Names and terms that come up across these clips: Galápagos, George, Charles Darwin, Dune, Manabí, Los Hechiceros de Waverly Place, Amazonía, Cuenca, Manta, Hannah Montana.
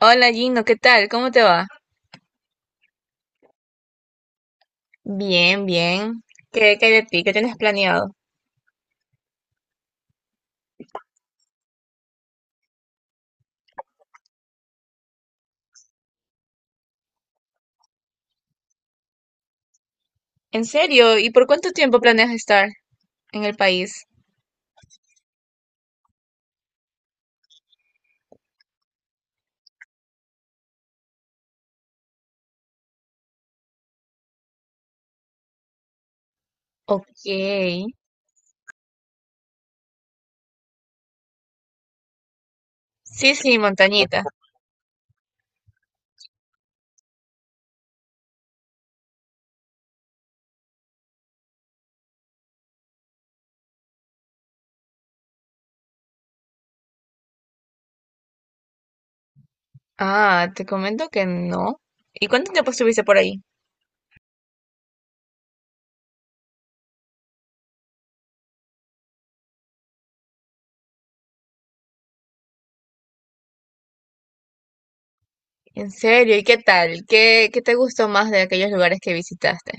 Hola Gino, ¿qué tal? ¿Cómo te va? Bien, bien. ¿Qué hay de ti? ¿Qué tienes planeado? ¿En serio? ¿Y por cuánto tiempo planeas estar en el país? Ok. Sí, sí, montañita. Ah, te comento que no. ¿Y cuánto tiempo estuviste por ahí? ¿En serio? ¿Y qué tal? ¿Qué te gustó más de aquellos lugares que visitaste?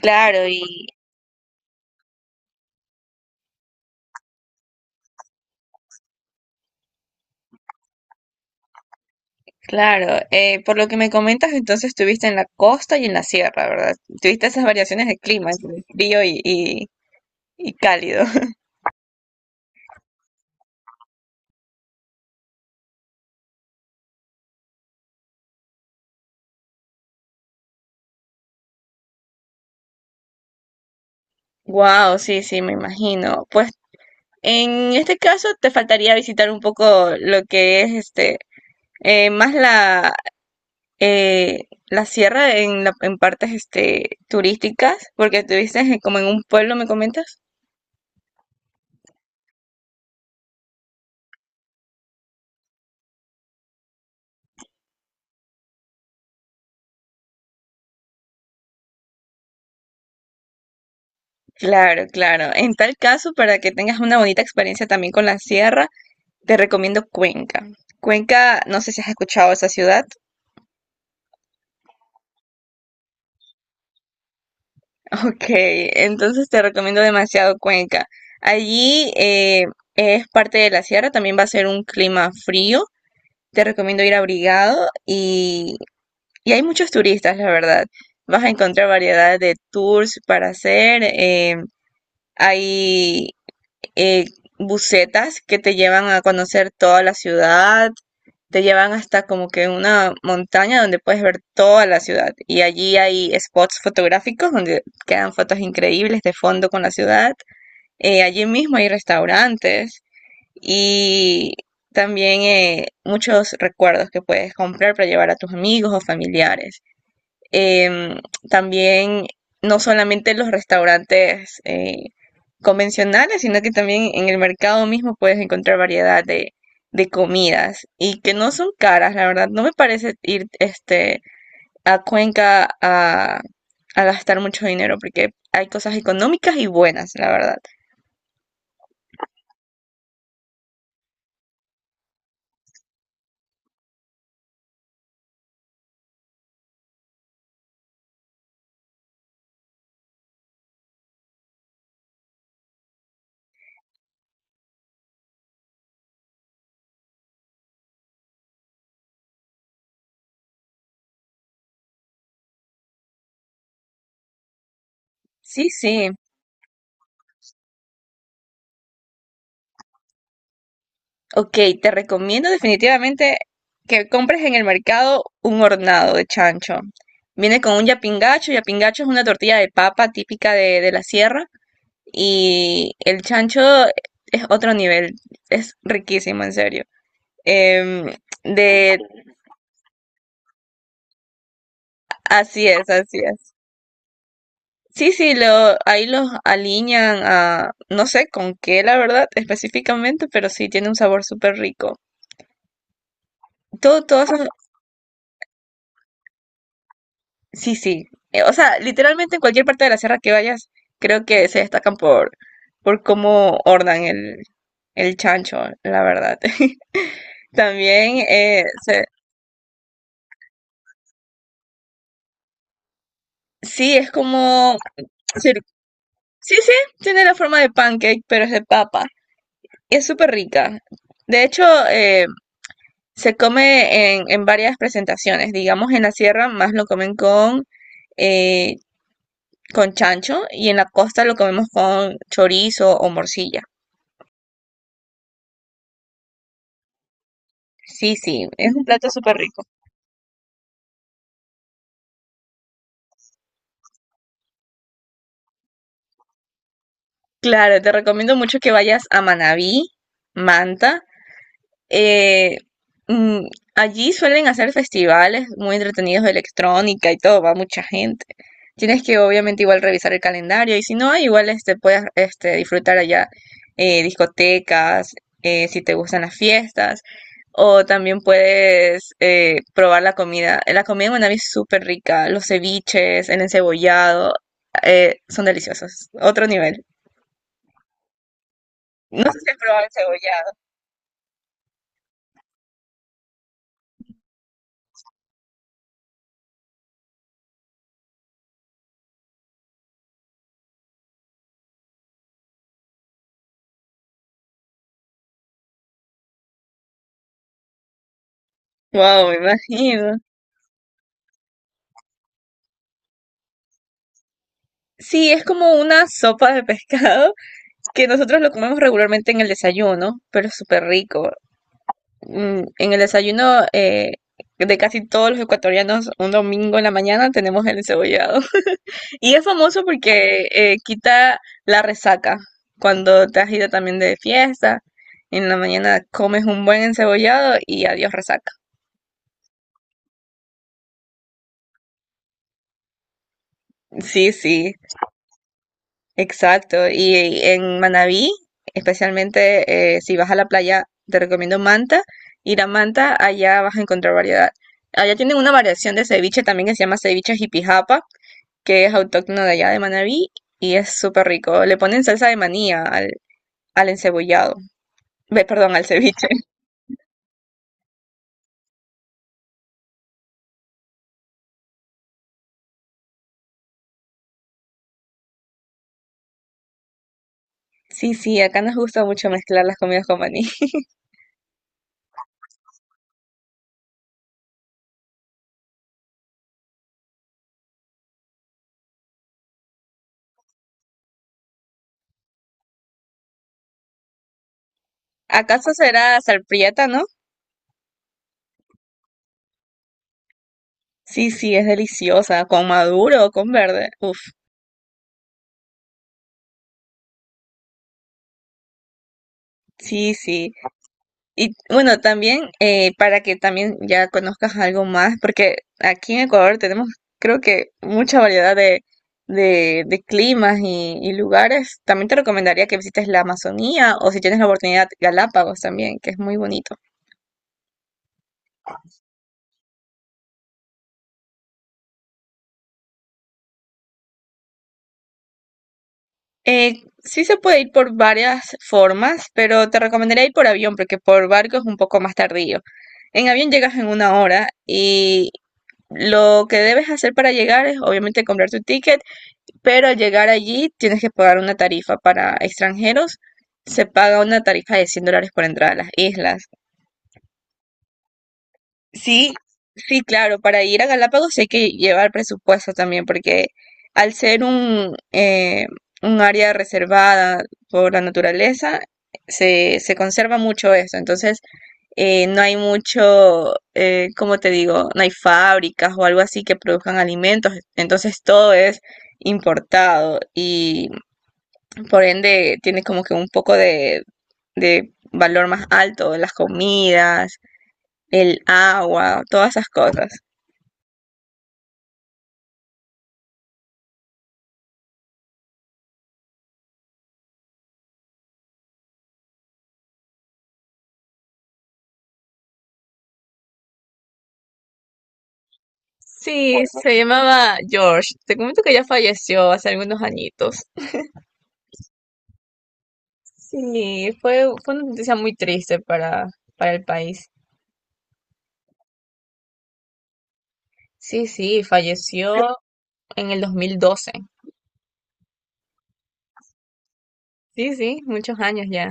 Claro, y claro, por lo que me comentas, entonces estuviste en la costa y en la sierra, ¿verdad? Tuviste esas variaciones de clima, entre frío y y- cálido. Wow, sí, sí, me imagino. Pues en este caso te faltaría visitar un poco lo que es este más la eh, la sierra en en partes este turísticas, porque estuviste en- como en un pueblo, ¿me comentas? Claro, claro. En tal caso, para que tengas una bonita experiencia también con la sierra, te recomiendo Cuenca. Cuenca, no sé si has escuchado esa ciudad. Ok, entonces te recomiendo demasiado Cuenca. Allí es parte de la sierra, también va a ser un clima frío. Te recomiendo ir abrigado y hay muchos turistas, la verdad. Vas a encontrar variedad de tours para hacer. Hay eh, busetas que te llevan a conocer toda la ciudad te llevan hasta como que una montaña donde puedes ver toda la ciudad. Y allí hay spots fotográficos donde quedan fotos increíbles de fondo con la ciudad. Allí mismo hay restaurantes y también muchos recuerdos que puedes comprar para llevar a tus amigos o familiares. Em, también no solamente los restaurantes convencionales, sino que también en el mercado mismo puedes encontrar variedad de comidas y que no son caras, la verdad. No me parece ir este, a Cuenca a gastar mucho dinero porque hay cosas económicas y buenas, la verdad. Sí, sí. Ok, te recomiendo definitivamente que compres en el mercado un hornado de chancho. Viene con un yapingacho. Yapingacho es una tortilla de papa típica de la sierra. Y el chancho es otro nivel. Es riquísimo, en serio. Em, de, así es, así es. Sí, sí, lo, ahí los aliñan a, no sé con qué, la verdad, específicamente, pero sí tiene un sabor súper rico. Todas esas Sí, sí. O sea, literalmente en cualquier parte de la sierra que vayas, creo que se destacan por cómo ordan el chancho, la verdad. También, se- sí, es como... cir- Sí, sí, tiene la forma de pancake, pero es de papa. Es súper rica. De hecho, eh, se come en varias presentaciones. Digamos, en la sierra más lo comen eh, con chancho y en la costa lo comemos con chorizo o morcilla. Sí, sí, es un plato súper rico. Claro, te recomiendo mucho que vayas a Manabí, Manta Eh, mm, allí suelen hacer festivales muy entretenidos de electrónica y todo, va mucha gente. Tienes que obviamente igual revisar el calendario y si no, igual este, puedes este, disfrutar allá discotecas, si te gustan las fiestas, o también puedes probar la comida. La comida en Manabí es súper rica, los ceviches, el encebollado, son deliciosos, otro nivel. No sé si has probado encebollado. Wow, me imagino. Sí, es como una sopa de pescado que nosotros lo comemos regularmente en el desayuno, pero es súper rico. En el desayuno de casi todos los ecuatorianos, un domingo en la mañana tenemos el encebollado. Y es famoso porque quita la resaca. Cuando te has ido también de fiesta, en la mañana comes un buen encebollado y adiós resaca. Sí, sí. Exacto, y en Manabí, especialmente si vas a la playa, te recomiendo Manta. Ir a Manta, allá vas a encontrar variedad. Allá tienen una variación de ceviche también que se llama ceviche jipijapa, que es autóctono de allá de Manabí y es súper rico. Le ponen salsa de manía al encebollado, Ve, perdón, al ceviche. Sí, sí, acá nos gusta mucho mezclar las comidas con maní. ¿Acaso será salprieta, no? Sí, sí, es deliciosa, con maduro o con verde. Uf, sí, sí. Y bueno, también para que también ya conozcas algo más, porque aquí en Ecuador tenemos creo que mucha variedad de climas y lugares. También te recomendaría que visites la Amazonía o si tienes la oportunidad Galápagos también, que es muy bonito. Eh, sí se puede ir por varias formas, pero te recomendaría ir por avión porque por barco es un poco más tardío. En avión llegas en una hora y lo que debes hacer para llegar es obviamente comprar tu ticket pero al llegar allí tienes que pagar una tarifa para extranjeros, se paga una tarifa de $100 por entrar a las islas. Sí, sí, claro, para ir a Galápagos hay que llevar presupuesto también, porque al ser un área reservada por la naturaleza, se conserva mucho eso, entonces no hay mucho, ¿cómo te digo? No hay fábricas o algo así que produzcan alimentos, entonces todo es importado y Por ende, tiene como que un poco de valor más alto, las comidas, el agua, todas esas cosas. Sí, se llamaba George. Te comento que ya falleció hace algunos añitos. Sí, fue una noticia muy triste para el país. Sí, sí, falleció en el 2012. Sí, sí, muchos años ya.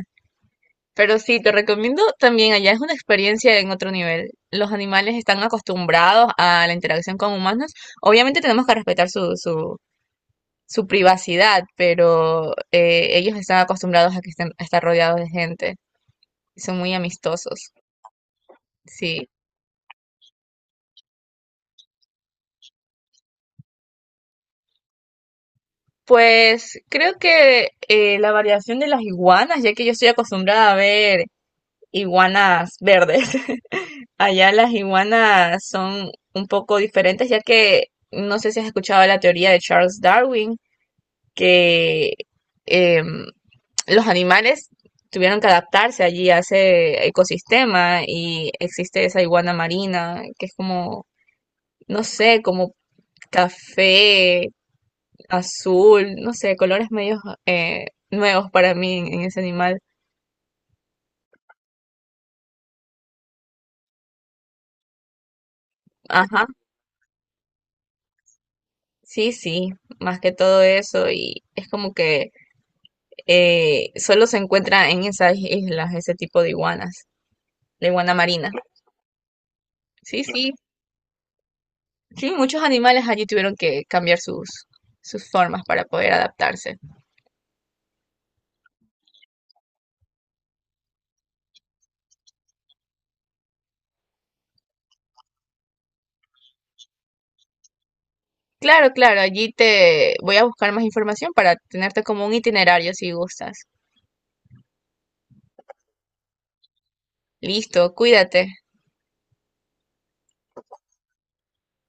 Pero sí, te recomiendo también allá es una experiencia en otro nivel. Los animales están acostumbrados a la interacción con humanos. Obviamente tenemos que respetar su privacidad, pero ellos están acostumbrados a que estén, a estar rodeados de gente. Son muy amistosos. Sí. Pues creo que la variación de las iguanas, ya que yo estoy acostumbrada a ver iguanas verdes. Allá las iguanas son un poco diferentes, ya que no sé si has escuchado la teoría de Charles Darwin, que em, los animales tuvieron que adaptarse allí a ese ecosistema y existe esa iguana marina, que es como, no sé, como café, azul, no sé, colores medios eh, nuevos para mí en ese animal. Ajá, sí, sí, más que todo eso y es como que solo se encuentra en esas islas, ese tipo de iguanas, la iguana marina. Sí, sí, sí, muchos animales allí tuvieron que cambiar sus, sus formas para poder adaptarse. Claro, claro, allí te voy a buscar más información para tenerte como un itinerario si gustas. Listo, cuídate.